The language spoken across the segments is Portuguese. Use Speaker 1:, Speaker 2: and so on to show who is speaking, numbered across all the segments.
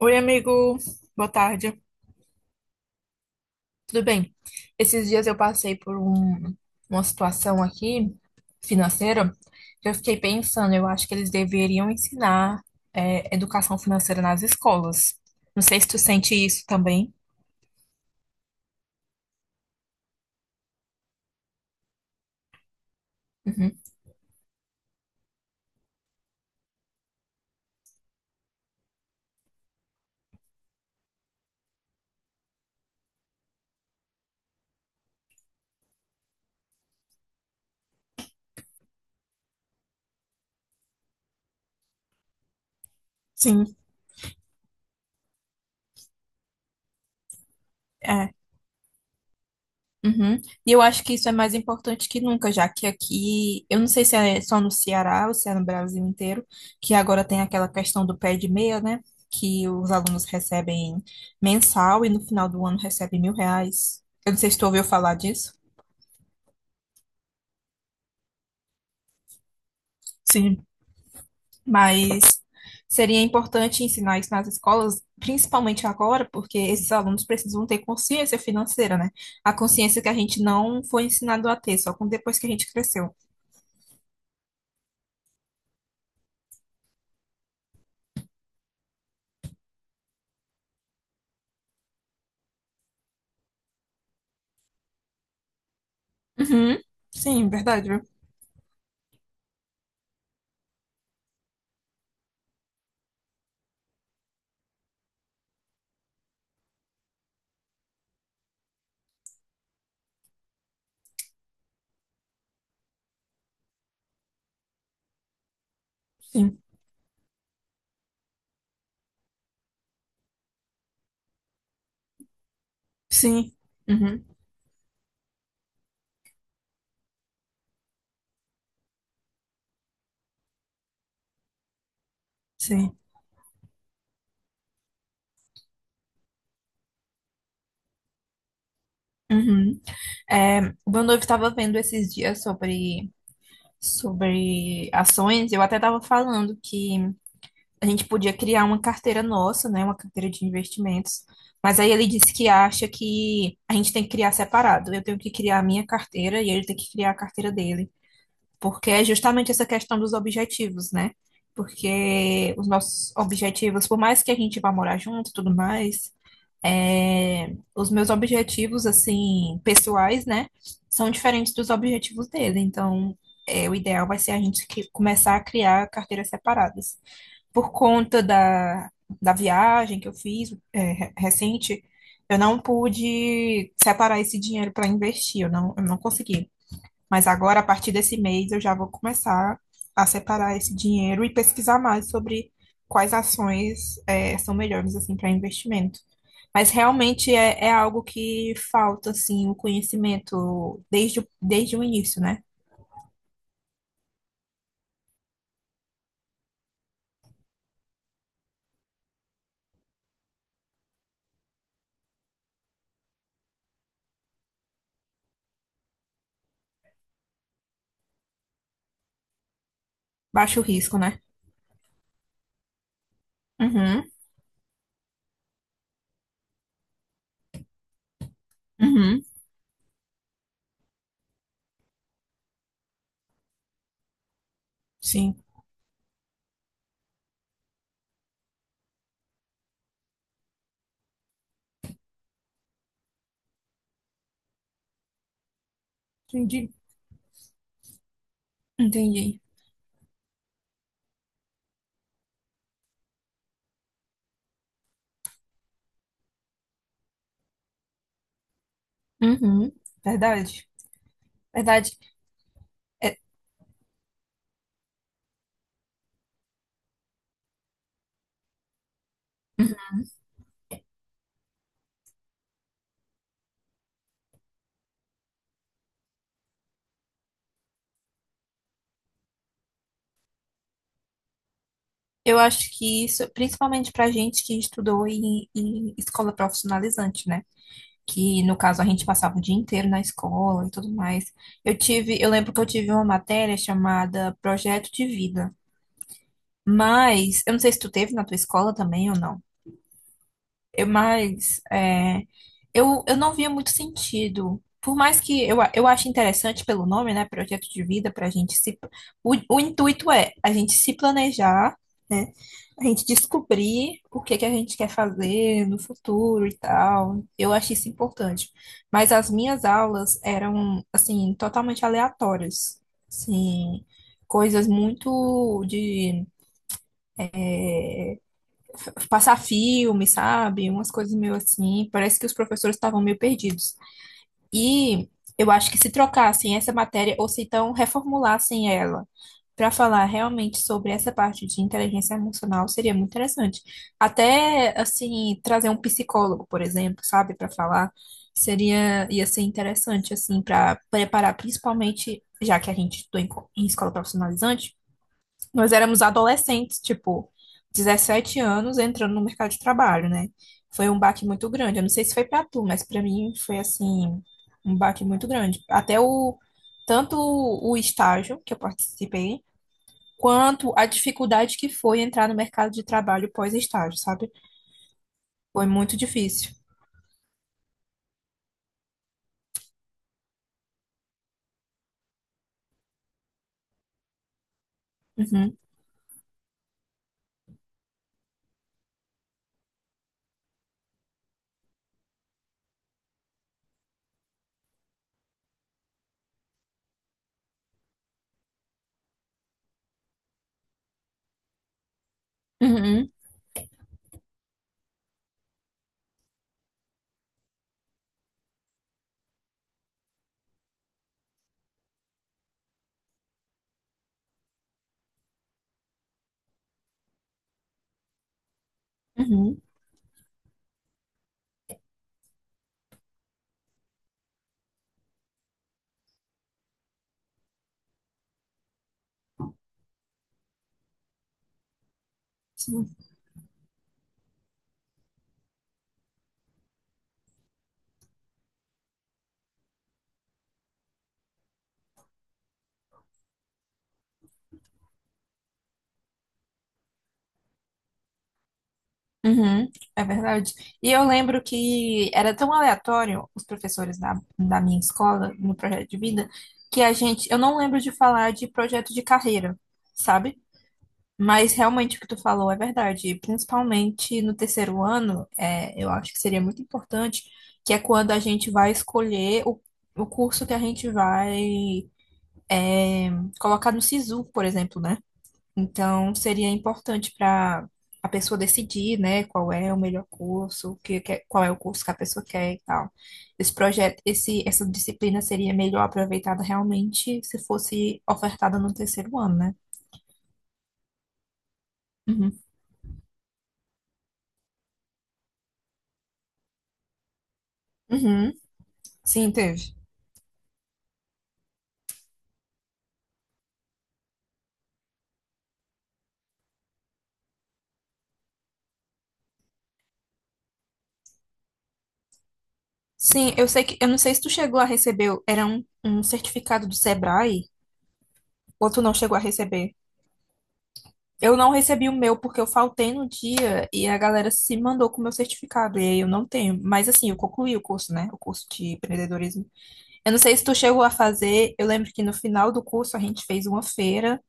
Speaker 1: Oi, amigo. Boa tarde. Tudo bem? Esses dias eu passei por uma situação aqui financeira que eu fiquei pensando, eu acho que eles deveriam ensinar educação financeira nas escolas. Não sei se tu sente isso também. Uhum. Sim, é. Uhum. E eu acho que isso é mais importante que nunca, já que aqui, eu não sei se é só no Ceará ou se é no Brasil inteiro, que agora tem aquela questão do pé de meia, né? Que os alunos recebem mensal e no final do ano recebem 1.000 reais. Eu não sei se tu ouviu falar disso. Sim. Mas seria importante ensinar isso nas escolas, principalmente agora, porque esses alunos precisam ter consciência financeira, né? A consciência que a gente não foi ensinado a ter, só com depois que a gente cresceu. Uhum. Sim, verdade. Sim, sim, uhum, sim, uhum. É, o meu noivo estava vendo esses dias sobre ações, eu até estava falando que a gente podia criar uma carteira nossa, né, uma carteira de investimentos, mas aí ele disse que acha que a gente tem que criar separado, eu tenho que criar a minha carteira e ele tem que criar a carteira dele, porque é justamente essa questão dos objetivos, né? Porque os nossos objetivos, por mais que a gente vá morar junto e tudo mais, os meus objetivos, assim, pessoais, né, são diferentes dos objetivos dele. Então, o ideal vai ser a gente começar a criar carteiras separadas. Por conta da viagem que eu fiz, recente, eu não pude separar esse dinheiro para investir, eu não consegui. Mas agora, a partir desse mês, eu já vou começar a separar esse dinheiro e pesquisar mais sobre quais ações são melhores assim para investimento. Mas realmente é algo que falta assim o conhecimento desde o início, né? Baixo risco, né? Uhum, uhum, sim, entendi, entendi. Uhum, verdade, verdade. É, eu acho que isso, principalmente para gente que estudou em escola profissionalizante, né? Que no caso a gente passava o dia inteiro na escola e tudo mais. Eu lembro que eu tive uma matéria chamada Projeto de Vida, mas eu não sei se tu teve na tua escola também ou não. Eu, mas é, eu não via muito sentido. Por mais que eu ache interessante pelo nome, né? Projeto de vida, para a gente se. O intuito é a gente se planejar, né, a gente descobrir o que que a gente quer fazer no futuro e tal. Eu achei isso importante. Mas as minhas aulas eram, assim, totalmente aleatórias. Assim, coisas muito de passar filme, sabe? Umas coisas meio assim. Parece que os professores estavam meio perdidos. E eu acho que se trocassem essa matéria, ou se então reformulassem ela, para falar realmente sobre essa parte de inteligência emocional, seria muito interessante. Até, assim, trazer um psicólogo, por exemplo, sabe, para falar, seria, ia ser interessante, assim, para preparar, principalmente, já que a gente estudou em escola profissionalizante. Nós éramos adolescentes, tipo, 17 anos entrando no mercado de trabalho, né? Foi um baque muito grande. Eu não sei se foi pra tu, mas pra mim foi assim, um baque muito grande. Até o tanto o estágio que eu participei, quanto a dificuldade que foi entrar no mercado de trabalho pós-estágio, sabe? Foi muito difícil. Uhum, uhum, uhum. Uhum, é verdade. E eu lembro que era tão aleatório os professores da minha escola, no projeto de vida, que a gente. Eu não lembro de falar de projeto de carreira, sabe? Mas realmente o que tu falou é verdade. E principalmente no terceiro ano, eu acho que seria muito importante, que é quando a gente vai escolher o curso que a gente vai colocar no SISU, por exemplo, né? Então, seria importante para a pessoa decidir, né, qual é o melhor curso, o que, qual é o curso que a pessoa quer e tal. Esse projeto, esse, essa disciplina seria melhor aproveitada realmente se fosse ofertada no terceiro ano, né? Uhum. Uhum. Sim, teve. Sim, eu sei que, eu não sei se tu chegou a receber, era um certificado do Sebrae, ou tu não chegou a receber? Eu não recebi o meu porque eu faltei no dia e a galera se mandou com o meu certificado. E aí eu não tenho. Mas assim, eu concluí o curso, né? O curso de empreendedorismo. Eu não sei se tu chegou a fazer. Eu lembro que no final do curso a gente fez uma feira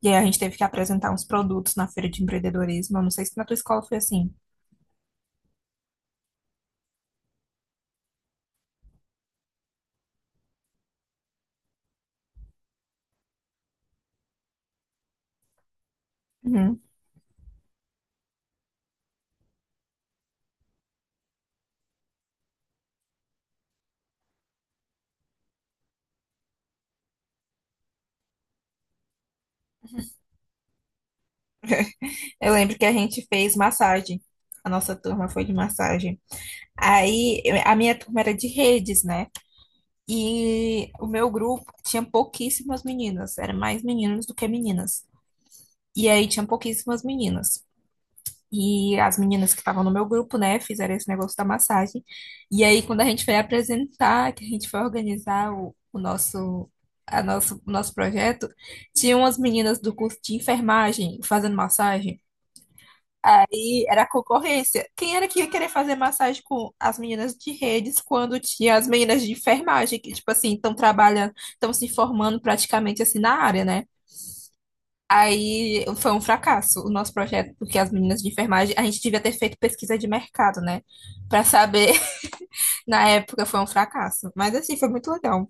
Speaker 1: e aí a gente teve que apresentar uns produtos na feira de empreendedorismo. Eu não sei se na tua escola foi assim. Uhum. Eu lembro que a gente fez massagem. A nossa turma foi de massagem. A minha turma era de redes, né? E o meu grupo tinha pouquíssimas meninas, era mais meninos do que meninas. E aí tinha pouquíssimas meninas. E as meninas que estavam no meu grupo, né, fizeram esse negócio da massagem. E aí, quando a gente foi apresentar, que a gente foi organizar o nosso projeto, tinha umas meninas do curso de enfermagem fazendo massagem. Aí era a concorrência. Quem era que ia querer fazer massagem com as meninas de redes quando tinha as meninas de enfermagem, que, tipo assim, estão trabalhando, estão se formando praticamente assim na área, né? Aí foi um fracasso o nosso projeto, porque as meninas de enfermagem, a gente devia ter feito pesquisa de mercado, né? Pra saber, na época foi um fracasso. Mas assim, foi muito legal.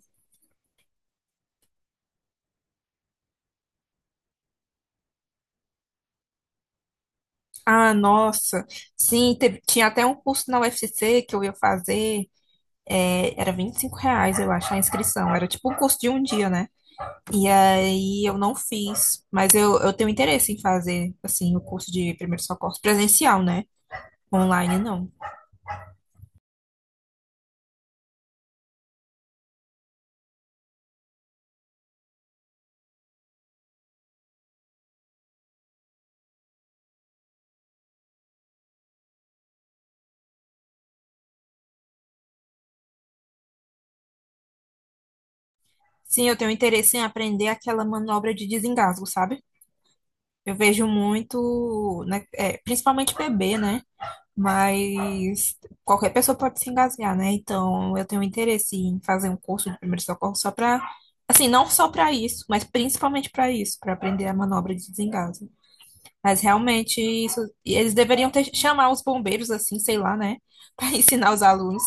Speaker 1: Ah, nossa, sim, tinha até um curso na U F C que eu ia fazer, era 25 reais, eu acho, a inscrição. Era tipo um curso de um dia, né? E aí eu não fiz, mas eu tenho interesse em fazer, assim, o curso de primeiros socorros presencial, né? Online, não. Sim, eu tenho interesse em aprender aquela manobra de desengasgo, sabe? Eu vejo muito, né, principalmente bebê, né? Mas qualquer pessoa pode se engasgar, né? Então eu tenho interesse em fazer um curso de primeiro socorro só para, assim, não só para isso, mas principalmente para isso, para aprender a manobra de desengasgo. Mas realmente isso, eles deveriam ter chamar os bombeiros, assim, sei lá, né? Para ensinar os alunos.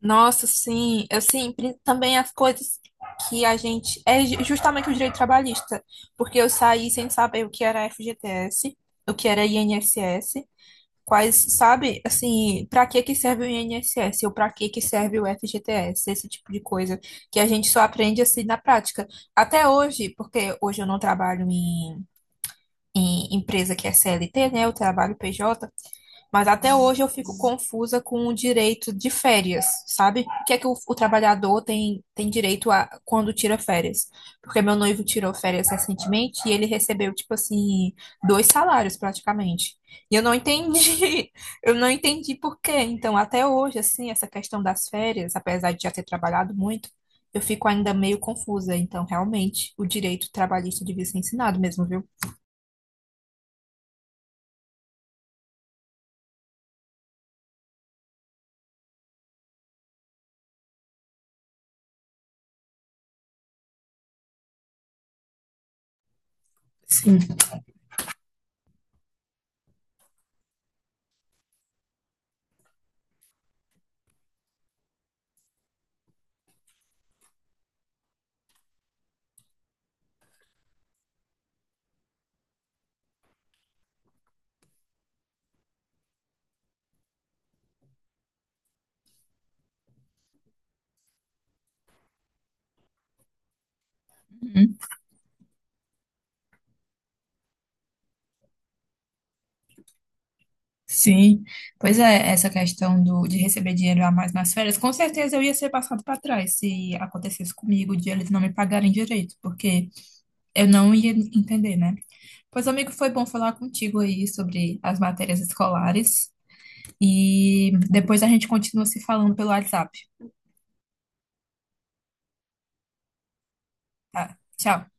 Speaker 1: Nossa, sim, assim, também as coisas que a gente. É justamente o direito trabalhista, porque eu saí sem saber o que era FGTS, o que era INSS, quais, sabe, assim, pra que que serve o INSS ou pra que que serve o FGTS, esse tipo de coisa, que a gente só aprende assim na prática. Até hoje, porque hoje eu não trabalho em empresa que é CLT, né, eu trabalho PJ, mas até hoje eu fico confusa com o direito de férias, sabe? O que é que o trabalhador tem direito a quando tira férias? Porque meu noivo tirou férias recentemente e ele recebeu, tipo assim, dois salários praticamente. E eu não entendi. Eu não entendi por quê. Então, até hoje, assim, essa questão das férias, apesar de já ter trabalhado muito, eu fico ainda meio confusa. Então, realmente, o direito trabalhista devia ser ensinado mesmo, viu? Sim. Sim, pois é, essa questão do, de receber dinheiro a mais nas férias, com certeza eu ia ser passado para trás se acontecesse comigo de eles não me pagarem direito, porque eu não ia entender, né? Pois, amigo, foi bom falar contigo aí sobre as matérias escolares e depois a gente continua se falando pelo WhatsApp, tá? Tchau.